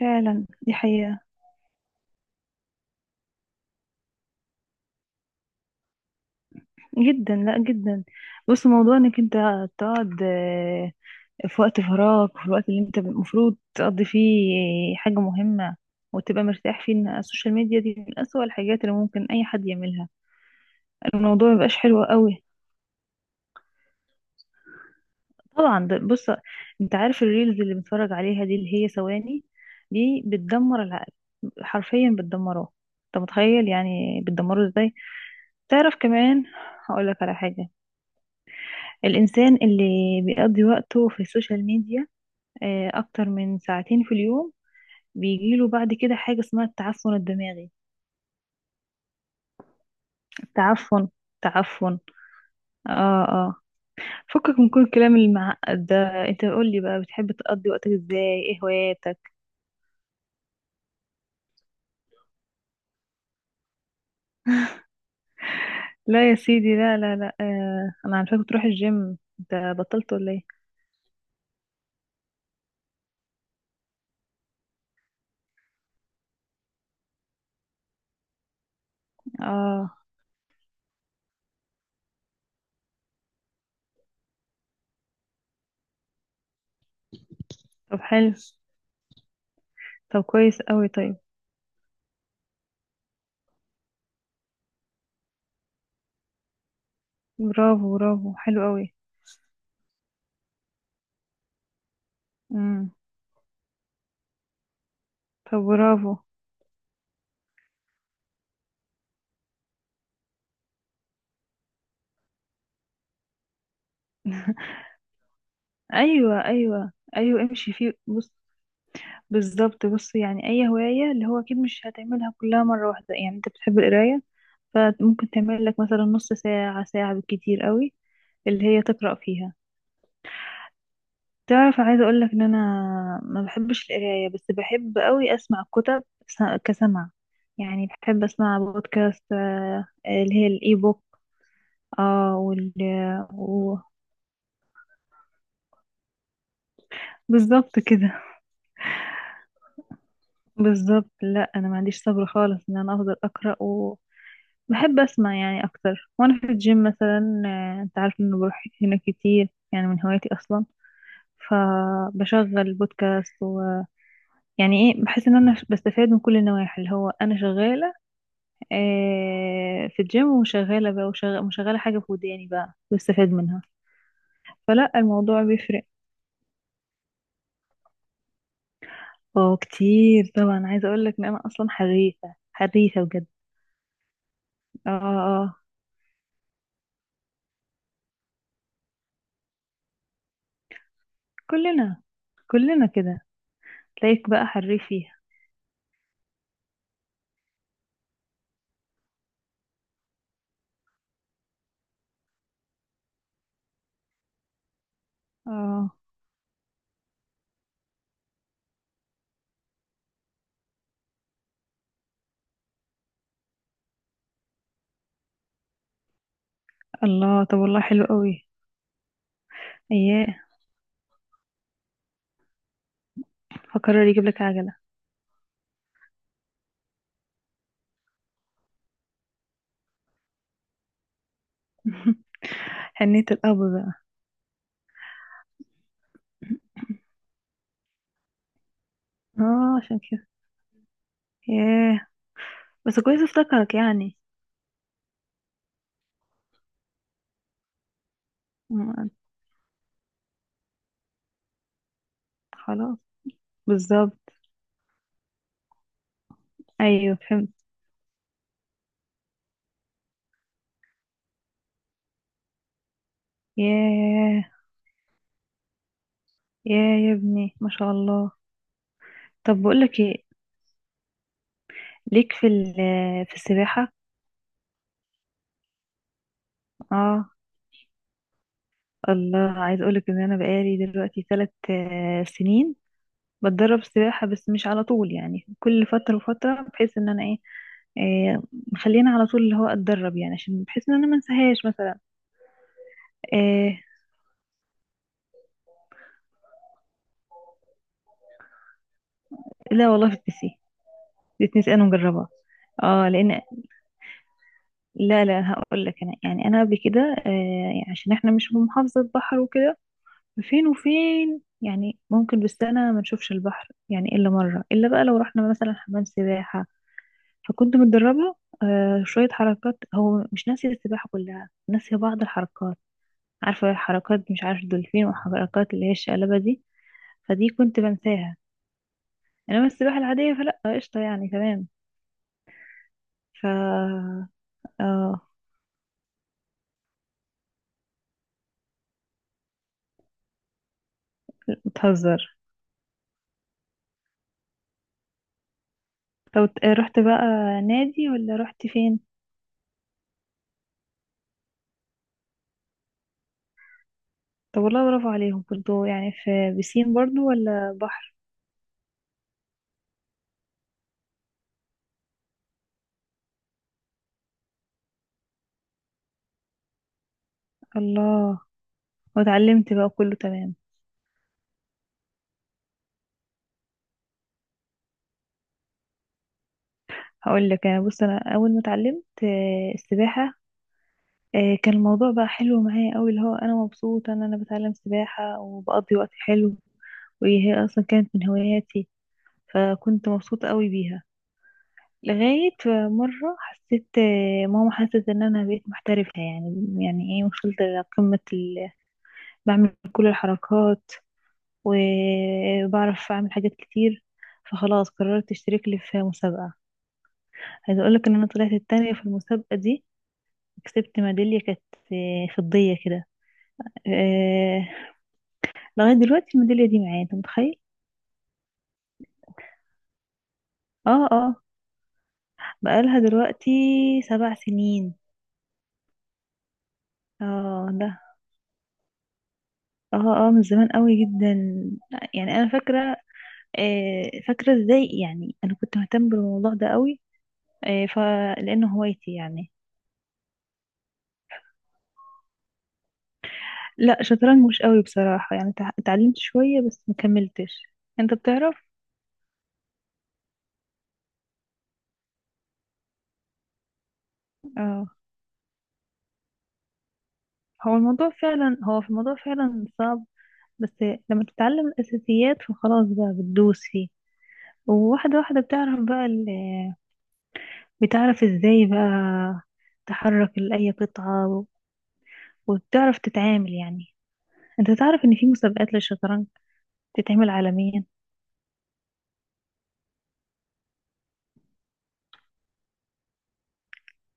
فعلا دي حقيقة جدا، لا جدا. بص، موضوع انك انت تقعد، في وقت فراغك، في الوقت اللي انت المفروض تقضي فيه حاجة مهمة وتبقى مرتاح فيه، ان السوشيال ميديا دي من أسوأ الحاجات اللي ممكن اي حد يعملها. الموضوع مبقاش حلو قوي. طبعا ده، بص، انت عارف الريلز اللي بنتفرج عليها دي اللي هي ثواني؟ دي بتدمر العقل. حرفيا بتدمره. انت متخيل يعني بتدمره ازاي؟ تعرف كمان، هقول لك على حاجة. الإنسان اللي بيقضي وقته في السوشيال ميديا أكتر من ساعتين في اليوم، بيجيله بعد كده حاجة اسمها التعفن الدماغي. التعفن. تعفن. اه، اه. فكك من كل الكلام المعقد ده. انت قول لي بقى، بتحب تقضي وقتك ازاي؟ ايه هواياتك؟ لا يا سيدي، لا لا لا، انا عارفاك بتروح الجيم، انت بطلت ولا ايه؟ اه. طب حلو. طب كويس قوي. طيب. برافو، برافو. حلو قوي. امم. طب برافو. ايوه ايوه ايوه، امشي فيه. بص، بالظبط. بص، يعني اي هوايه اللي هو اكيد مش هتعملها كلها مره واحده. يعني انت بتحب القرايه، فممكن تعمل لك مثلا نص ساعه، ساعه بالكتير قوي اللي هي تقرا فيها. تعرف، عايزه اقول لك ان انا ما بحبش القرايه، بس بحب قوي اسمع كتب. كسمع، يعني بحب اسمع بودكاست اللي هي الاي بوك. اه و... بالظبط كده. بالظبط. لا انا ما عنديش صبر خالص، ان انا افضل اقرا. بحب أسمع يعني أكتر وأنا في الجيم مثلا. أنت عارف إنه بروح هنا كتير، يعني من هوايتي أصلا. فبشغل بودكاست يعني إيه، بحس إن أنا بستفاد من كل النواحي اللي هو أنا شغالة في الجيم، وشغالة بقى، وشغالة حاجة في وداني، بقى بستفاد منها. فلا الموضوع بيفرق. اه كتير طبعا. عايزة أقول لك إن أنا أصلا حريفة، حريفة بجد. اه اه أه. كلنا كلنا كده. تلاقيك بقى حريف فيها. اه. الله، طب والله حلو قوي. اياه، فقرر يجيب لك عجلة. حنية الأب بقى. اه، عشان كده. ياه. بس كويس افتكرك يعني. م- خلاص. بالظبط. ايوه فهمت. ياه. ياه يا ابني، ما شاء الله. طب بقولك ايه، ليك في في السباحة؟ اه الله، عايز اقولك ان انا بقالي دلوقتي 3 سنين بتدرب سباحة، بس مش على طول. يعني كل فترة وفترة، بحيث ان انا ايه، إيه مخليني على طول اللي هو اتدرب، يعني عشان بحيث ان انا ما انساهاش مثلا. آه. لا والله في البي سي الاتنين انا مجربها. اه لان، لا هقول لك انا، يعني انا قبل كده آه يعني عشان احنا مش في محافظه بحر وكده، فين وفين. يعني ممكن بالسنه ما نشوفش البحر، يعني الا مره، الا بقى لو رحنا مثلا حمام سباحه. فكنت متدربه شويه حركات. هو مش ناسي السباحه كلها، ناسي بعض الحركات. عارفه حركات مش عارف، دولفين وحركات اللي هي الشقلبه دي، فدي كنت بنساها. انما السباحه العاديه فلا، قشطه يعني، تمام. ف اه، بتهزر. طب رحت بقى نادي ولا رحت فين؟ طب والله برافو عليهم برضو. يعني في بسين برضو ولا بحر؟ الله، واتعلمت بقى كله تمام. هقول لك انا، بص، انا اول ما اتعلمت السباحه كان الموضوع بقى حلو معايا قوي، اللي هو انا مبسوطه ان انا بتعلم سباحه وبقضي وقت حلو. وهي اصلا كانت من هواياتي، فكنت مبسوطه قوي بيها. لغاية مرة حسيت، ماما حست ان انا بقيت محترفة، يعني ايه، وصلت لقمة بعمل كل الحركات وبعرف اعمل حاجات كتير. فخلاص قررت اشترك لي في مسابقة. عايزة اقولك ان انا طلعت التانية في المسابقة دي، كسبت ميدالية كانت فضية كده. آه، لغاية دلوقتي الميدالية دي معايا، انت متخيل؟ اه اه، بقالها دلوقتي 7 سنين. اه ده، اه اه، من زمان قوي جدا. يعني انا فاكرة، فاكرة ازاي يعني انا كنت مهتم بالموضوع ده قوي. فلانه هوايتي يعني. لا، شطرنج مش قوي بصراحة، يعني اتعلمت شوية بس ما كملتش. انت بتعرف؟ اه. هو في الموضوع فعلا صعب، بس لما تتعلم الاساسيات فخلاص بقى، بتدوس فيه وواحدة واحدة، بتعرف بقى بتعرف ازاي بقى تحرك لأي قطعة، وبتعرف تتعامل. يعني انت تعرف ان في مسابقات للشطرنج بتتعمل عالميا.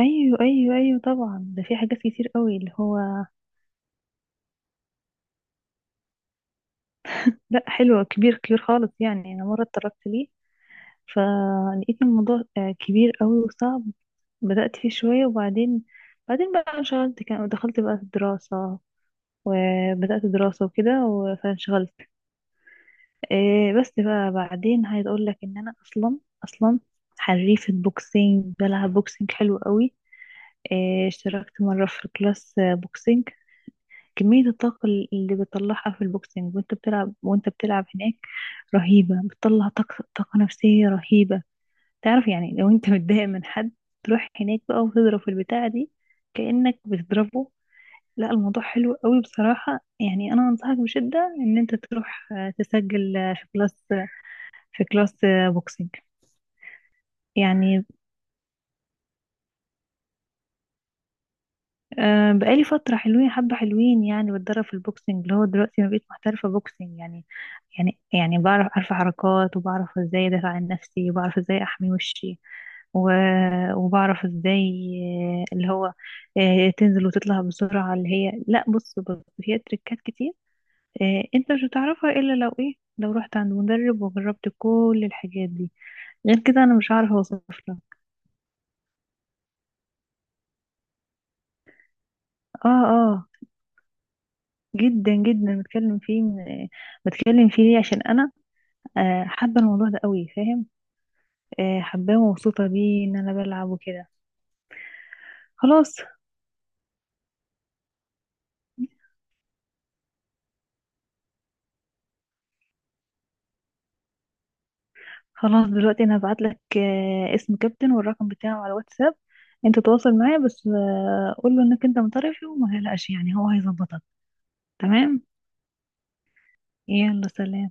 ايوه ايوه ايوه طبعا، ده في حاجات كتير قوي اللي هو. لا حلو، كبير، كبير خالص يعني. انا مره اتطرقت ليه، فلقيت الموضوع كبير قوي وصعب. بدات فيه شويه وبعدين، بعدين بقى انشغلت، كان دخلت بقى في الدراسه، وبدات دراسه وكده فانشغلت. إيه بس بقى بعدين، عايز اقول لك ان انا اصلا حريفه بوكسينج، بلعب بوكسينج حلو قوي. إيه، اشتركت مره في كلاس بوكسينج. كمية الطاقة اللي بتطلعها في البوكسينج وانت بتلعب، وانت بتلعب هناك رهيبة. بتطلع طاقة نفسية رهيبة. تعرف يعني، لو انت متضايق من حد تروح هناك بقى وتضرب في البتاعة دي كأنك بتضربه. لا الموضوع حلو قوي بصراحة، يعني انا انصحك بشدة ان انت تروح تسجل في كلاس، بوكسينج يعني. أه بقالي فترة حلوين، حبة حلوين يعني بتدرب في البوكسنج، اللي هو دلوقتي ما بقيت محترفة بوكسنج يعني. يعني يعني بعرف، عارفة حركات، وبعرف ازاي ادافع عن نفسي، وبعرف ازاي احمي وشي و... وبعرف ازاي آه، اللي هو آه، تنزل وتطلع بسرعة، اللي هي لا، بص بص، هي تريكات كتير. انت مش هتعرفها الا لو ايه، لو رحت عند مدرب وجربت كل الحاجات دي. غير كده انا مش عارفة اوصف لك. اه آه. جدا جدا بتكلم فيه ليه؟ عشان انا حابه الموضوع ده قوي، فاهم؟ حباه ومبسوطه بيه ان انا بلعب وكده. خلاص، خلاص دلوقتي انا هبعت لك اسم كابتن والرقم بتاعه على الواتساب. انت تواصل معاه، بس قول له انك انت من طرفي، وما تقلقش يعني هو هيظبطك. تمام. يلا سلام.